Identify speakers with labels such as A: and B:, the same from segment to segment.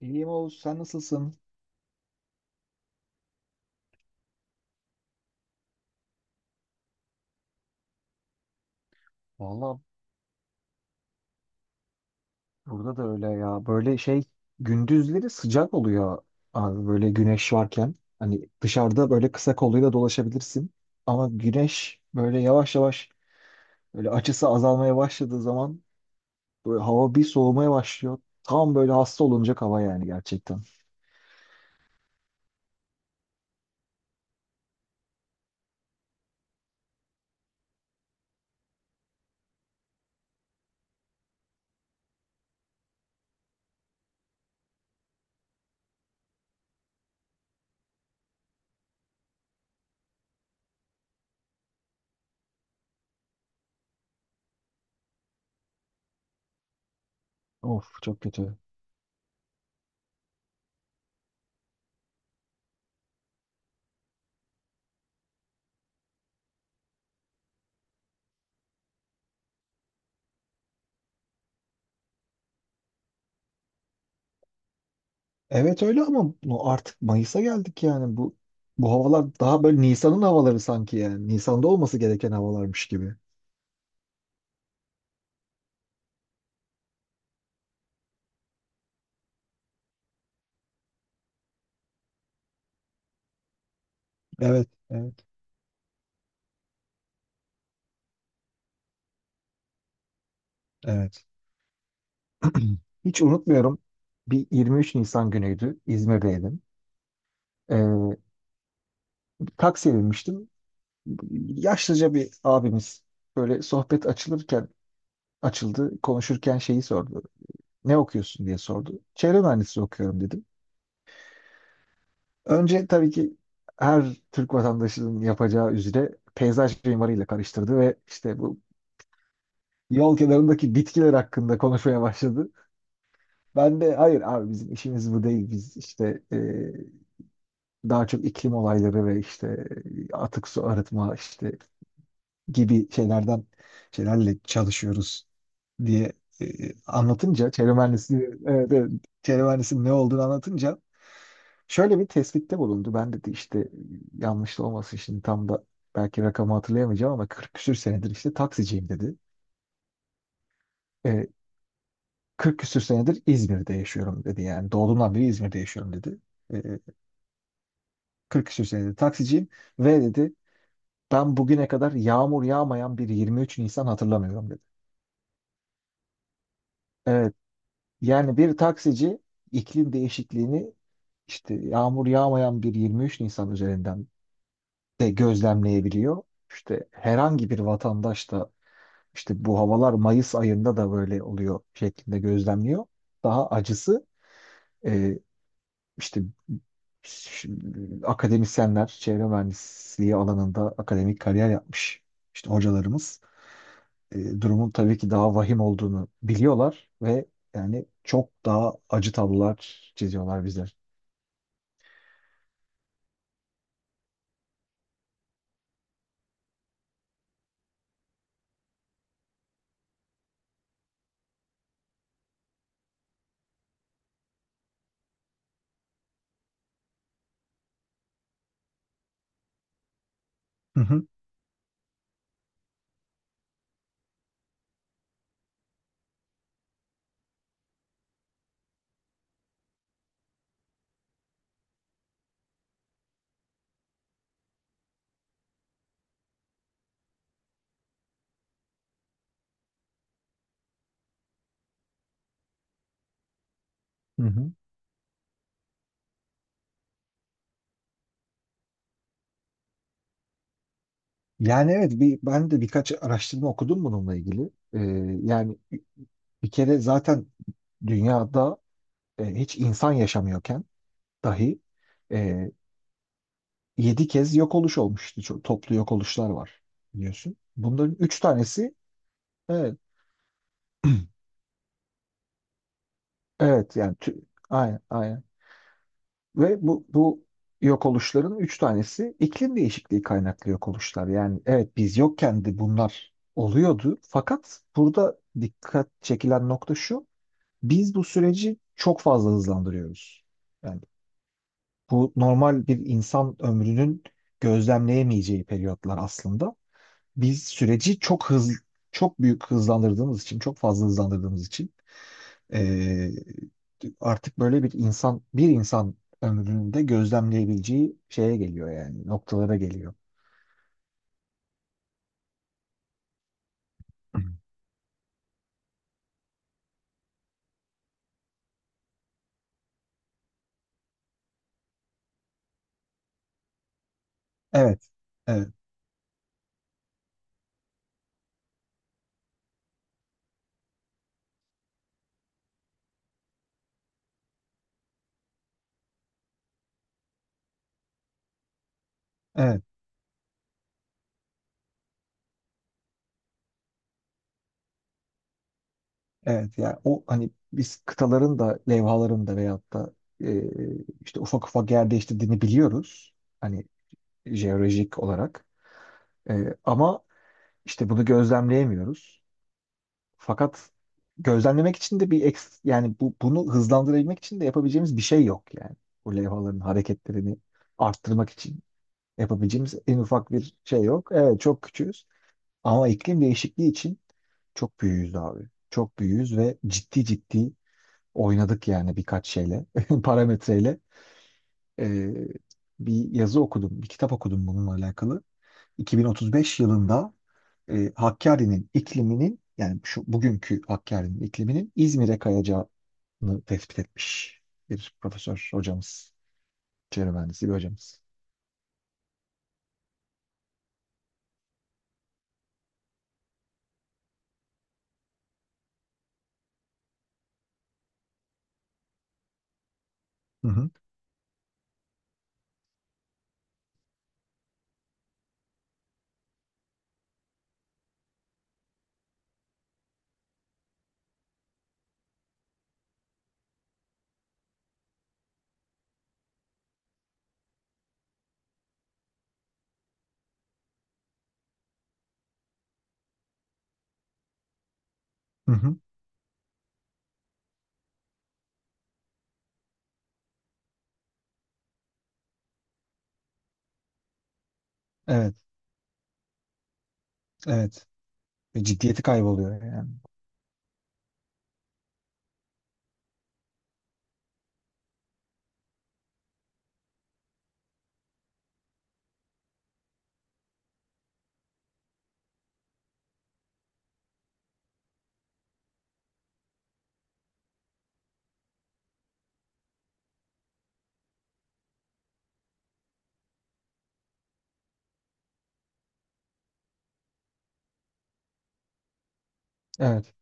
A: İyiyim Oğuz, sen nasılsın? Valla burada da öyle ya. Böyle şey gündüzleri sıcak oluyor abi böyle güneş varken. Hani dışarıda böyle kısa kolluyla dolaşabilirsin. Ama güneş böyle yavaş yavaş böyle açısı azalmaya başladığı zaman böyle hava bir soğumaya başlıyor. Tam böyle hasta olunacak hava yani gerçekten. Of, çok kötü. Evet öyle, ama bu artık Mayıs'a geldik yani bu havalar daha böyle Nisan'ın havaları sanki yani. Nisan'da olması gereken havalarmış gibi. Evet, evet, evet. Hiç unutmuyorum. Bir 23 Nisan günüydü. İzmir'deydim. Ee, Taksiye binmiştim. Yaşlıca bir abimiz böyle sohbet açılırken açıldı. Konuşurken şeyi sordu. Ne okuyorsun diye sordu. Çevre mühendisliği okuyorum dedim. Önce tabii ki her Türk vatandaşının yapacağı üzere peyzaj mimarıyla karıştırdı ve işte bu yol kenarındaki bitkiler hakkında konuşmaya başladı. Ben de hayır abi bizim işimiz bu değil. Biz işte daha çok iklim olayları ve işte atık su arıtma işte gibi şeylerden şeylerle çalışıyoruz diye e, anlatınca, çevre mühendisliği, evet, evet, çevre mühendisliğinin ne olduğunu anlatınca şöyle bir tespitte bulundu. Ben dedi işte, yanlış da olmasın şimdi, tam da belki rakamı hatırlayamayacağım ama 40 küsür senedir işte taksiciyim dedi. E, 40 küsür senedir İzmir'de yaşıyorum dedi, yani doğduğumdan beri İzmir'de yaşıyorum dedi. E, 40 küsür senedir taksiciyim ve dedi, ben bugüne kadar yağmur yağmayan bir 23 Nisan hatırlamıyorum dedi. Evet. Yani bir taksici iklim değişikliğini işte yağmur yağmayan bir 23 Nisan üzerinden de gözlemleyebiliyor. İşte herhangi bir vatandaş da işte bu havalar Mayıs ayında da böyle oluyor şeklinde gözlemliyor. Daha acısı e, işte ş- akademisyenler, çevre mühendisliği alanında akademik kariyer yapmış işte hocalarımız. Durumun tabii ki daha vahim olduğunu biliyorlar ve yani çok daha acı tablolar çiziyorlar bizler. Hı hı. Hı hı. Yani evet, ben de birkaç araştırma okudum bununla ilgili. Yani bir kere zaten dünyada hiç insan yaşamıyorken dahi e, 7 kez yok oluş olmuş. İşte çok toplu yok oluşlar var biliyorsun. Bunların 3 tanesi, evet, evet yani aynen aynen. Ve bu yok oluşların 3 tanesi iklim değişikliği kaynaklı yok oluşlar. Yani evet, biz yokken de bunlar oluyordu. Fakat burada dikkat çekilen nokta şu. Biz bu süreci çok fazla hızlandırıyoruz. Yani bu normal bir insan ömrünün gözlemleyemeyeceği periyotlar aslında. Biz süreci çok hızlı, çok büyük hızlandırdığımız için, çok fazla hızlandırdığımız için eee, artık böyle bir insan ömründe gözlemleyebileceği şeye geliyor, yani noktalara geliyor. Evet. Evet. Evet. Evet. Yani o, hani biz kıtaların da levhaların da veyahut da e, işte ufak ufak yer değiştirdiğini biliyoruz. Hani jeolojik olarak. Ama işte bunu gözlemleyemiyoruz. Fakat gözlemlemek için de bir yani bunu hızlandırabilmek için de yapabileceğimiz bir şey yok yani. Bu levhaların hareketlerini arttırmak için yapabileceğimiz en ufak bir şey yok. Evet, çok küçüğüz, ama iklim değişikliği için çok büyüğüz abi. Çok büyüğüz ve ciddi ciddi oynadık yani birkaç şeyle, parametreyle. Ee, Bir yazı okudum, bir kitap okudum bununla alakalı. 2035 yılında Hakkari'nin ikliminin, yani şu bugünkü Hakkari'nin ikliminin İzmir'e kayacağını tespit etmiş bir profesör hocamız, çevre mühendisi bir hocamız. Hı hı, hı hı. Evet, evet. Ciddiyeti kayboluyor yani. Evet,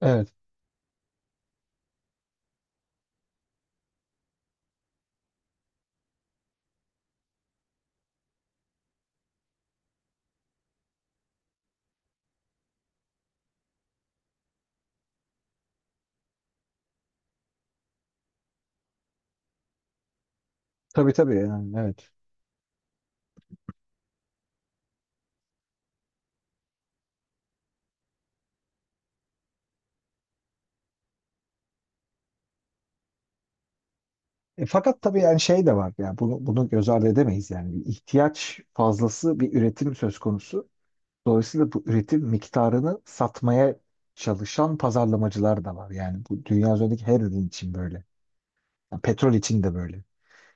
A: evet. Tabii tabii, yani evet. Fakat tabii yani şey de var yani, bunu göz ardı edemeyiz yani, bir ihtiyaç fazlası bir üretim söz konusu. Dolayısıyla bu üretim miktarını satmaya çalışan pazarlamacılar da var. Yani bu dünya üzerindeki her ürün için böyle. Yani petrol için de böyle.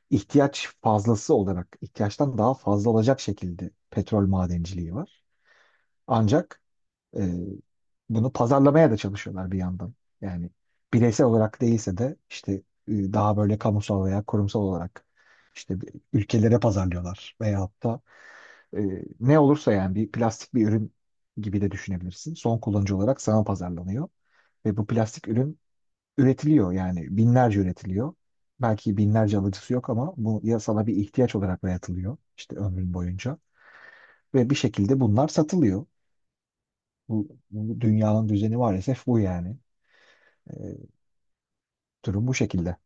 A: İhtiyaç fazlası olarak, ihtiyaçtan daha fazla olacak şekilde petrol madenciliği var. Ancak e, bunu pazarlamaya da çalışıyorlar bir yandan. Yani bireysel olarak değilse de işte daha böyle kamusal veya kurumsal olarak işte ülkelere pazarlıyorlar. Veyahut da e, ne olursa yani bir plastik bir ürün gibi de düşünebilirsin. Son kullanıcı olarak sana pazarlanıyor. Ve bu plastik ürün üretiliyor, yani binlerce üretiliyor. Belki binlerce alıcısı yok ama bu ya sana bir ihtiyaç olarak dayatılıyor işte ömrün boyunca ve bir şekilde bunlar satılıyor. Bu dünyanın düzeni maalesef bu yani. Ee, Durum bu şekilde.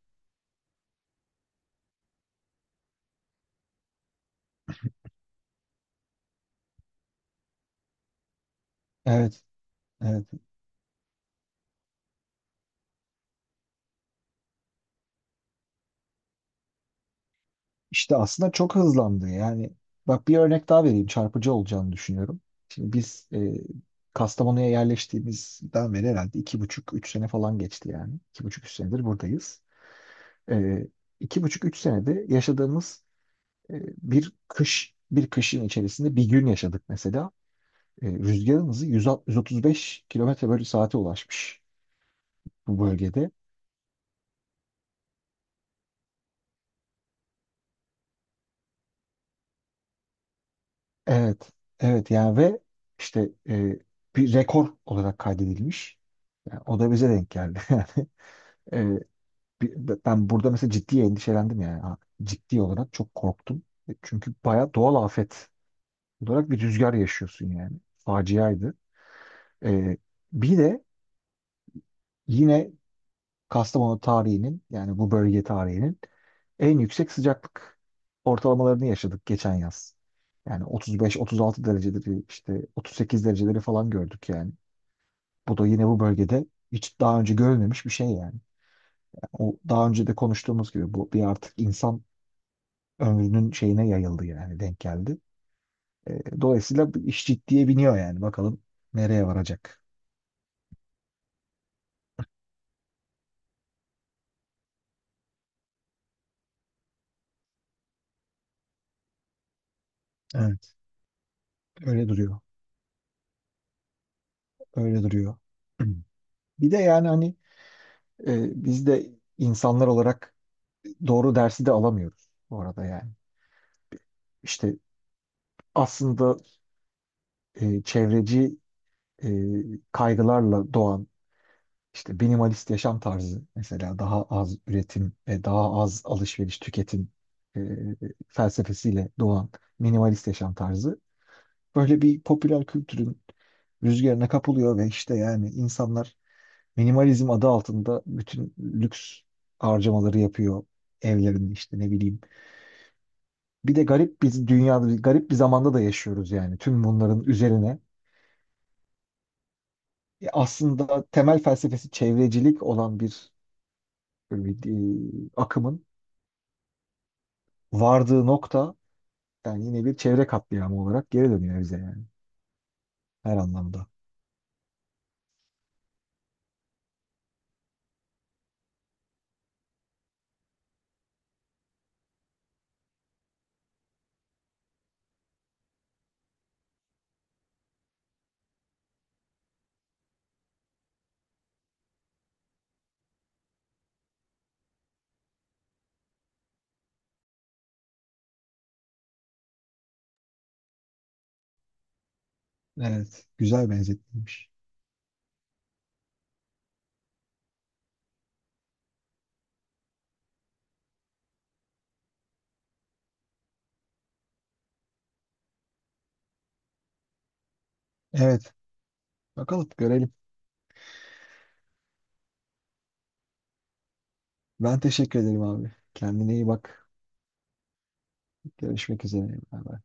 A: Evet, evet. İşte aslında çok hızlandı yani. Bak bir örnek daha vereyim, çarpıcı olacağını düşünüyorum. Şimdi biz Kastamonu'ya yerleştiğimizden beri herhalde iki buçuk, üç sene falan geçti yani. İki buçuk, üç senedir buradayız. Ee, iki buçuk, üç senede yaşadığımız, bir kışın içerisinde bir gün yaşadık mesela. Rüzgarın hızı 160 135 kilometre bölü saate ulaşmış bu bölgede. Evet, evet, yani ve işte bir rekor olarak kaydedilmiş. Yani o da bize denk geldi. Yani, ben burada mesela ciddi endişelendim yani. Ha, ciddi olarak çok korktum. Çünkü bayağı doğal afet olarak bir rüzgar yaşıyorsun yani. Faciaydı. E, Bir de yine Kastamonu tarihinin, yani bu bölge tarihinin en yüksek sıcaklık ortalamalarını yaşadık geçen yaz. Yani 35-36 dereceleri, işte 38 dereceleri falan gördük yani. Bu da yine bu bölgede hiç daha önce görülmemiş bir şey yani. Yani o, daha önce de konuştuğumuz gibi, bu bir artık insan ömrünün şeyine yayıldı yani, denk geldi. Dolayısıyla bu iş ciddiye biniyor yani, bakalım nereye varacak. Evet, öyle duruyor. Öyle duruyor. Bir de yani hani biz de insanlar olarak doğru dersi de alamıyoruz bu arada yani. İşte aslında çevreci e, kaygılarla doğan işte minimalist yaşam tarzı, mesela daha az üretim ve daha az alışveriş, tüketim e, felsefesiyle doğan minimalist yaşam tarzı böyle bir popüler kültürün rüzgarına kapılıyor ve işte yani insanlar minimalizm adı altında bütün lüks harcamaları yapıyor evlerinde işte ne bileyim. Bir de garip, biz dünyada garip bir zamanda da yaşıyoruz yani, tüm bunların üzerine aslında temel felsefesi çevrecilik olan bir, e, e, akımın vardığı nokta, yani yine bir çevre katliamı olarak geri dönüyor bize yani, her anlamda. Evet, güzel benzetilmiş. Evet, bakalım görelim. Ben teşekkür ederim abi. Kendine iyi bak. Görüşmek üzere. Bay bay.